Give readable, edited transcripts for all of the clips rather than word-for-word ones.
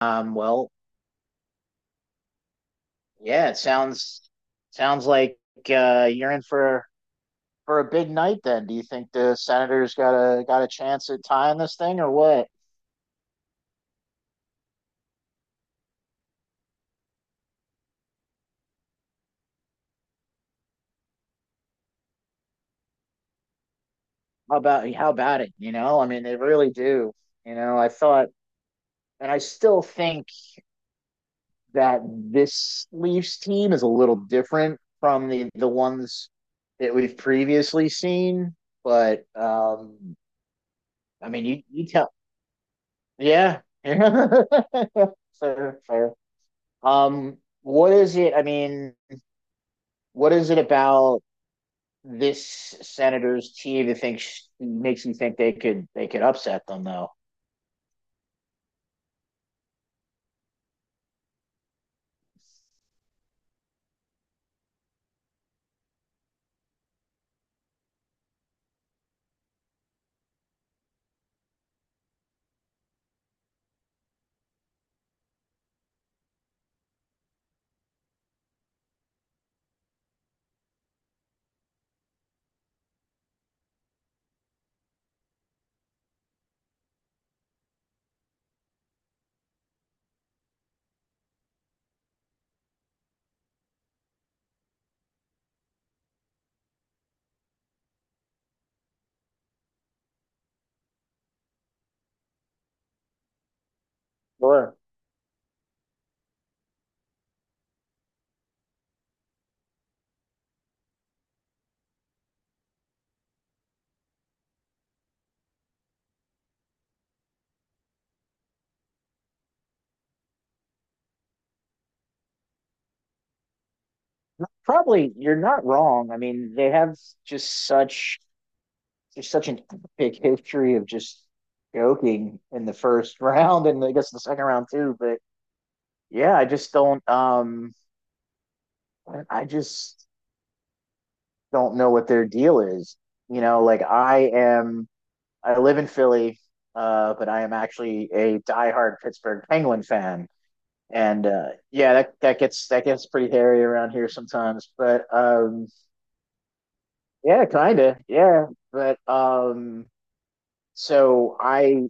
Um, well, yeah, it sounds sounds like you're in for a big night then. Do you think the Senators got a chance at tying this thing or what? How about it? I mean, they really do. You know, I thought and I still think that this Leafs team is a little different from the ones that we've previously seen, but I mean, you tell yeah. Fair, fair. Um, what is it? I mean, what is it about this Senators team that thinks makes you think they could upset them though? Or probably you're not wrong. I mean, they have just such just such an epic history of just joking in the first round and I guess the second round too. But yeah, I just don't. I just don't know what their deal is. You know, like I live in Philly, but I am actually a diehard Pittsburgh Penguin fan. And yeah, that gets pretty hairy around here sometimes. But yeah, kinda, yeah. But so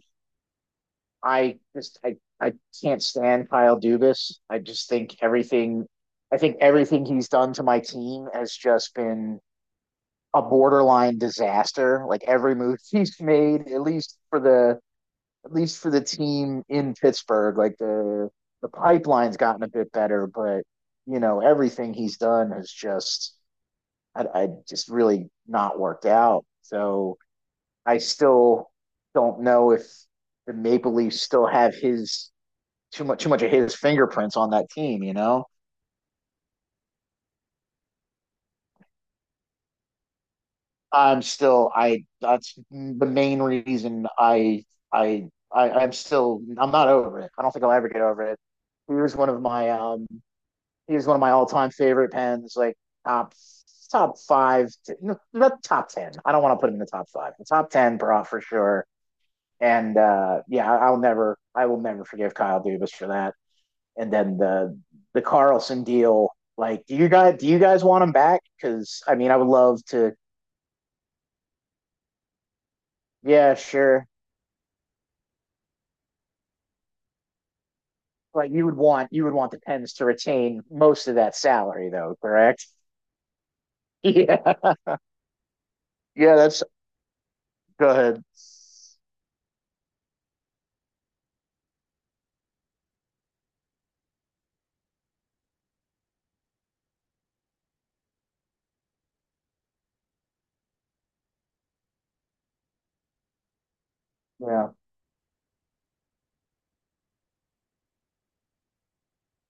I just I can't stand Kyle Dubas. I just I think everything he's done to my team has just been a borderline disaster. Like every move he's made, at least for the team in Pittsburgh, like the pipeline's gotten a bit better, but you know everything he's done has just I just really not worked out. So I still don't know if the Maple Leafs still have his too much of his fingerprints on that team. You know, I'm still I that's the main reason I. I, I'm still I'm not over it. I don't think I'll ever get over it. Here's one of my He's one of my all-time favorite pens, like top top five, no, not top ten. I don't want to put him in the top five. The top ten, bro, for sure. And yeah, I will never forgive Kyle Dubas for that. And then the Carlson deal, like, do you guys want him back? Because I mean, I would love to. Yeah, sure. Like you would want the Pens to retain most of that salary, though, correct? Yeah, yeah. That's go ahead. Yeah.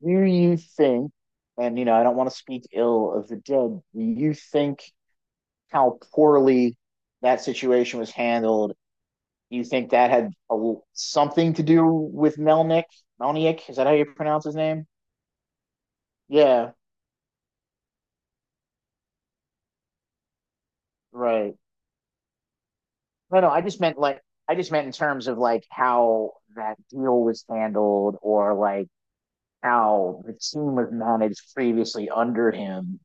Do you think, and you know, I don't want to speak ill of the dead, do you think how poorly that situation was handled? Do you think that had something to do with Melnick? Melnick, is that how you pronounce his name? Yeah, right. No, no, I just meant like, I just meant in terms of like how that deal was handled or like how the team was managed previously under him.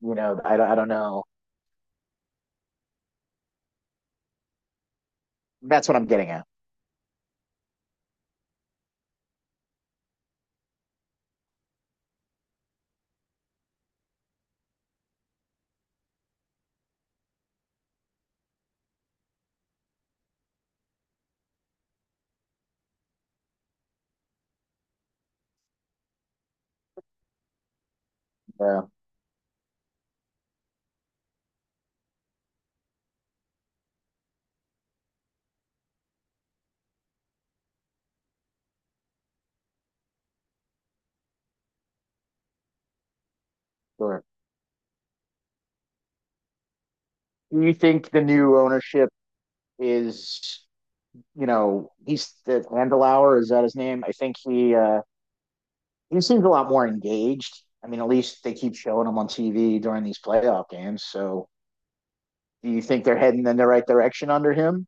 You know, I don't know. That's what I'm getting at. Yeah, sure. Do you think the new ownership is, you know, he's the Handelauer, is that his name? I think he seems a lot more engaged. I mean, at least they keep showing him on TV during these playoff games. So do you think they're heading in the right direction under him?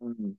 Mm.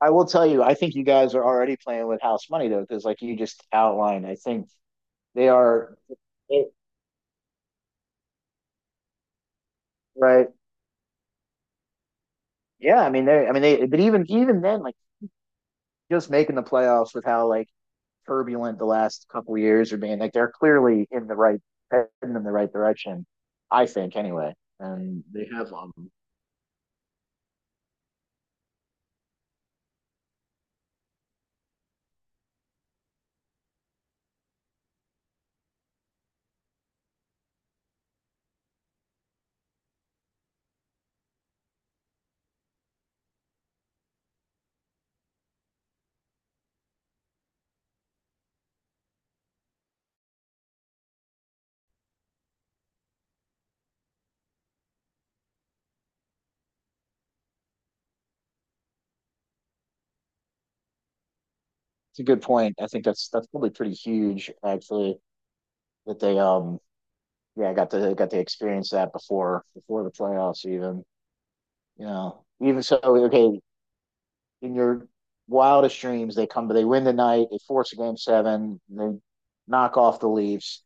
I will tell you, I think you guys are already playing with house money though, because like you just outlined, I think they are, right? Yeah, I mean they, but even even then, like. Just making the playoffs with how like turbulent the last couple years are being. Like they're clearly in the heading in the right direction, I think anyway. And they have It's a good point. I think that's probably pretty huge actually that they yeah, got to experience that before the playoffs even. You know, even so okay, in your wildest dreams they come but they win tonight, they force a game seven, they knock off the Leafs.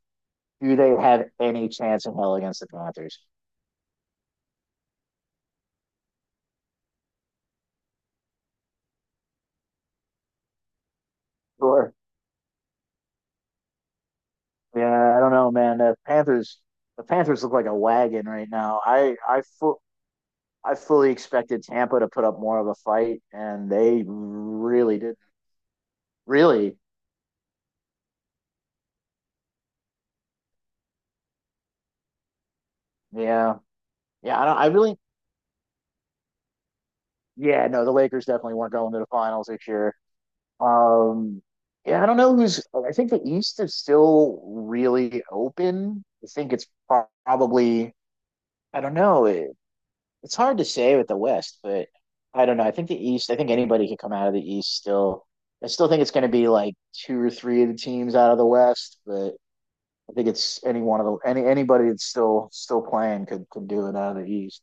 Do they have any chance in hell against the Panthers? Sure. Yeah, I don't know, man. The Panthers look like a wagon right now. I fully expected Tampa to put up more of a fight, and they really did. Really, yeah, yeah. I don't. I really, yeah. No, the Lakers definitely weren't going to the finals this year. Um, yeah, I don't know who's. I think the East is still really open. I think it's probably. I don't know. It's hard to say with the West, but I don't know. I think the East, I think anybody can come out of the East still. I still think it's going to be like two or three of the teams out of the West, but I think it's any one of the anybody that's still playing could do it out of the East.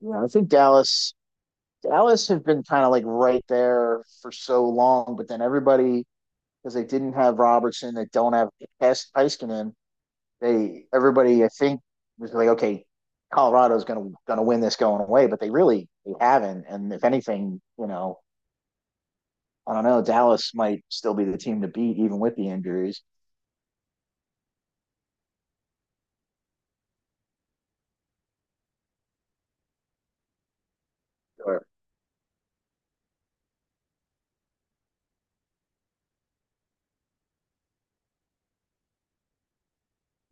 Yeah, I think Dallas have been kind of like right there for so long, but then everybody because they didn't have Robertson, they don't have Heiskanen, they everybody I think was like, okay, Colorado's gonna win this going away, but they haven't. And if anything, you know, I don't know, Dallas might still be the team to beat even with the injuries. Sure.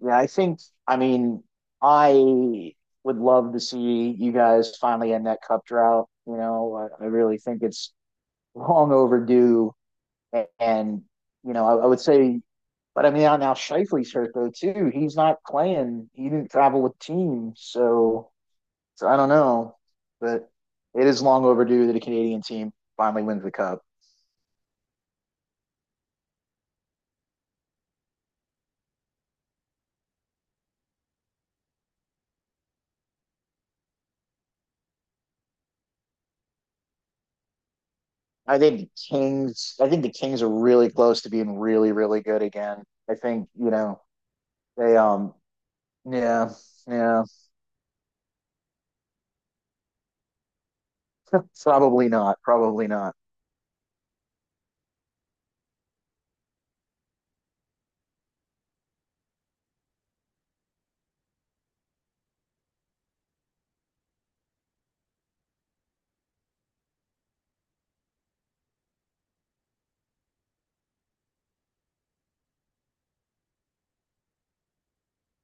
Yeah, I think I mean I would love to see you guys finally end that cup drought. You know, I really think it's long overdue. And, you know, would say, but I mean, now Shifley's hurt though too. He's not playing. He didn't travel with team, so so I don't know, but it is long overdue that a Canadian team finally wins the cup. I think the Kings are really close to being really, really good again. I think you know they. Yeah. Yeah. Probably not. Probably not.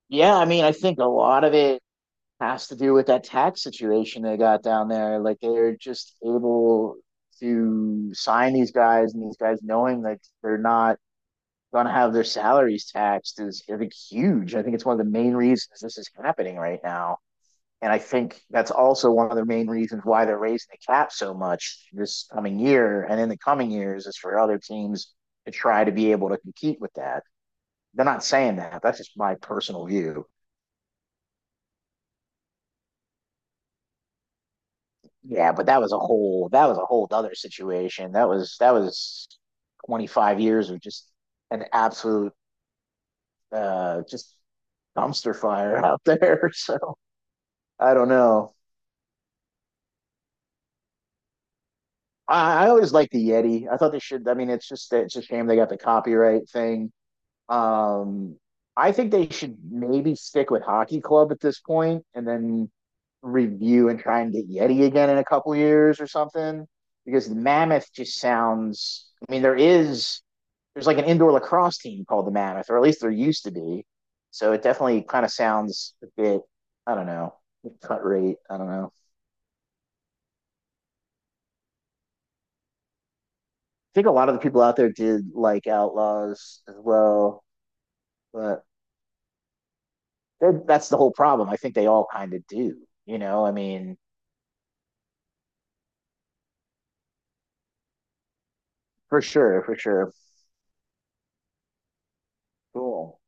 Yeah. I mean, I think a lot of it has to do with that tax situation they got down there. Like they're just able to sign these guys, and these guys knowing that they're not going to have their salaries taxed is I think huge. I think it's one of the main reasons this is happening right now. And I think that's also one of the main reasons why they're raising the cap so much this coming year and in the coming years is for other teams to try to be able to compete with that. They're not saying that. That's just my personal view. Yeah, but that was a whole other situation. That was 25 years of just an absolute just dumpster fire out there. So I don't know. I always liked the Yeti. I thought they should. I mean, it's just it's a shame they got the copyright thing. Um, I think they should maybe stick with Hockey Club at this point, and then review and try and get Yeti again in a couple years or something. Because the Mammoth just sounds. I mean, there is there's like an indoor lacrosse team called the Mammoth, or at least there used to be. So it definitely kind of sounds a bit. I don't know cut rate. I don't know. I think a lot of the people out there did like Outlaws as well. But that's the whole problem. I think they all kind of do. You know, I mean, for sure, for sure. Cool.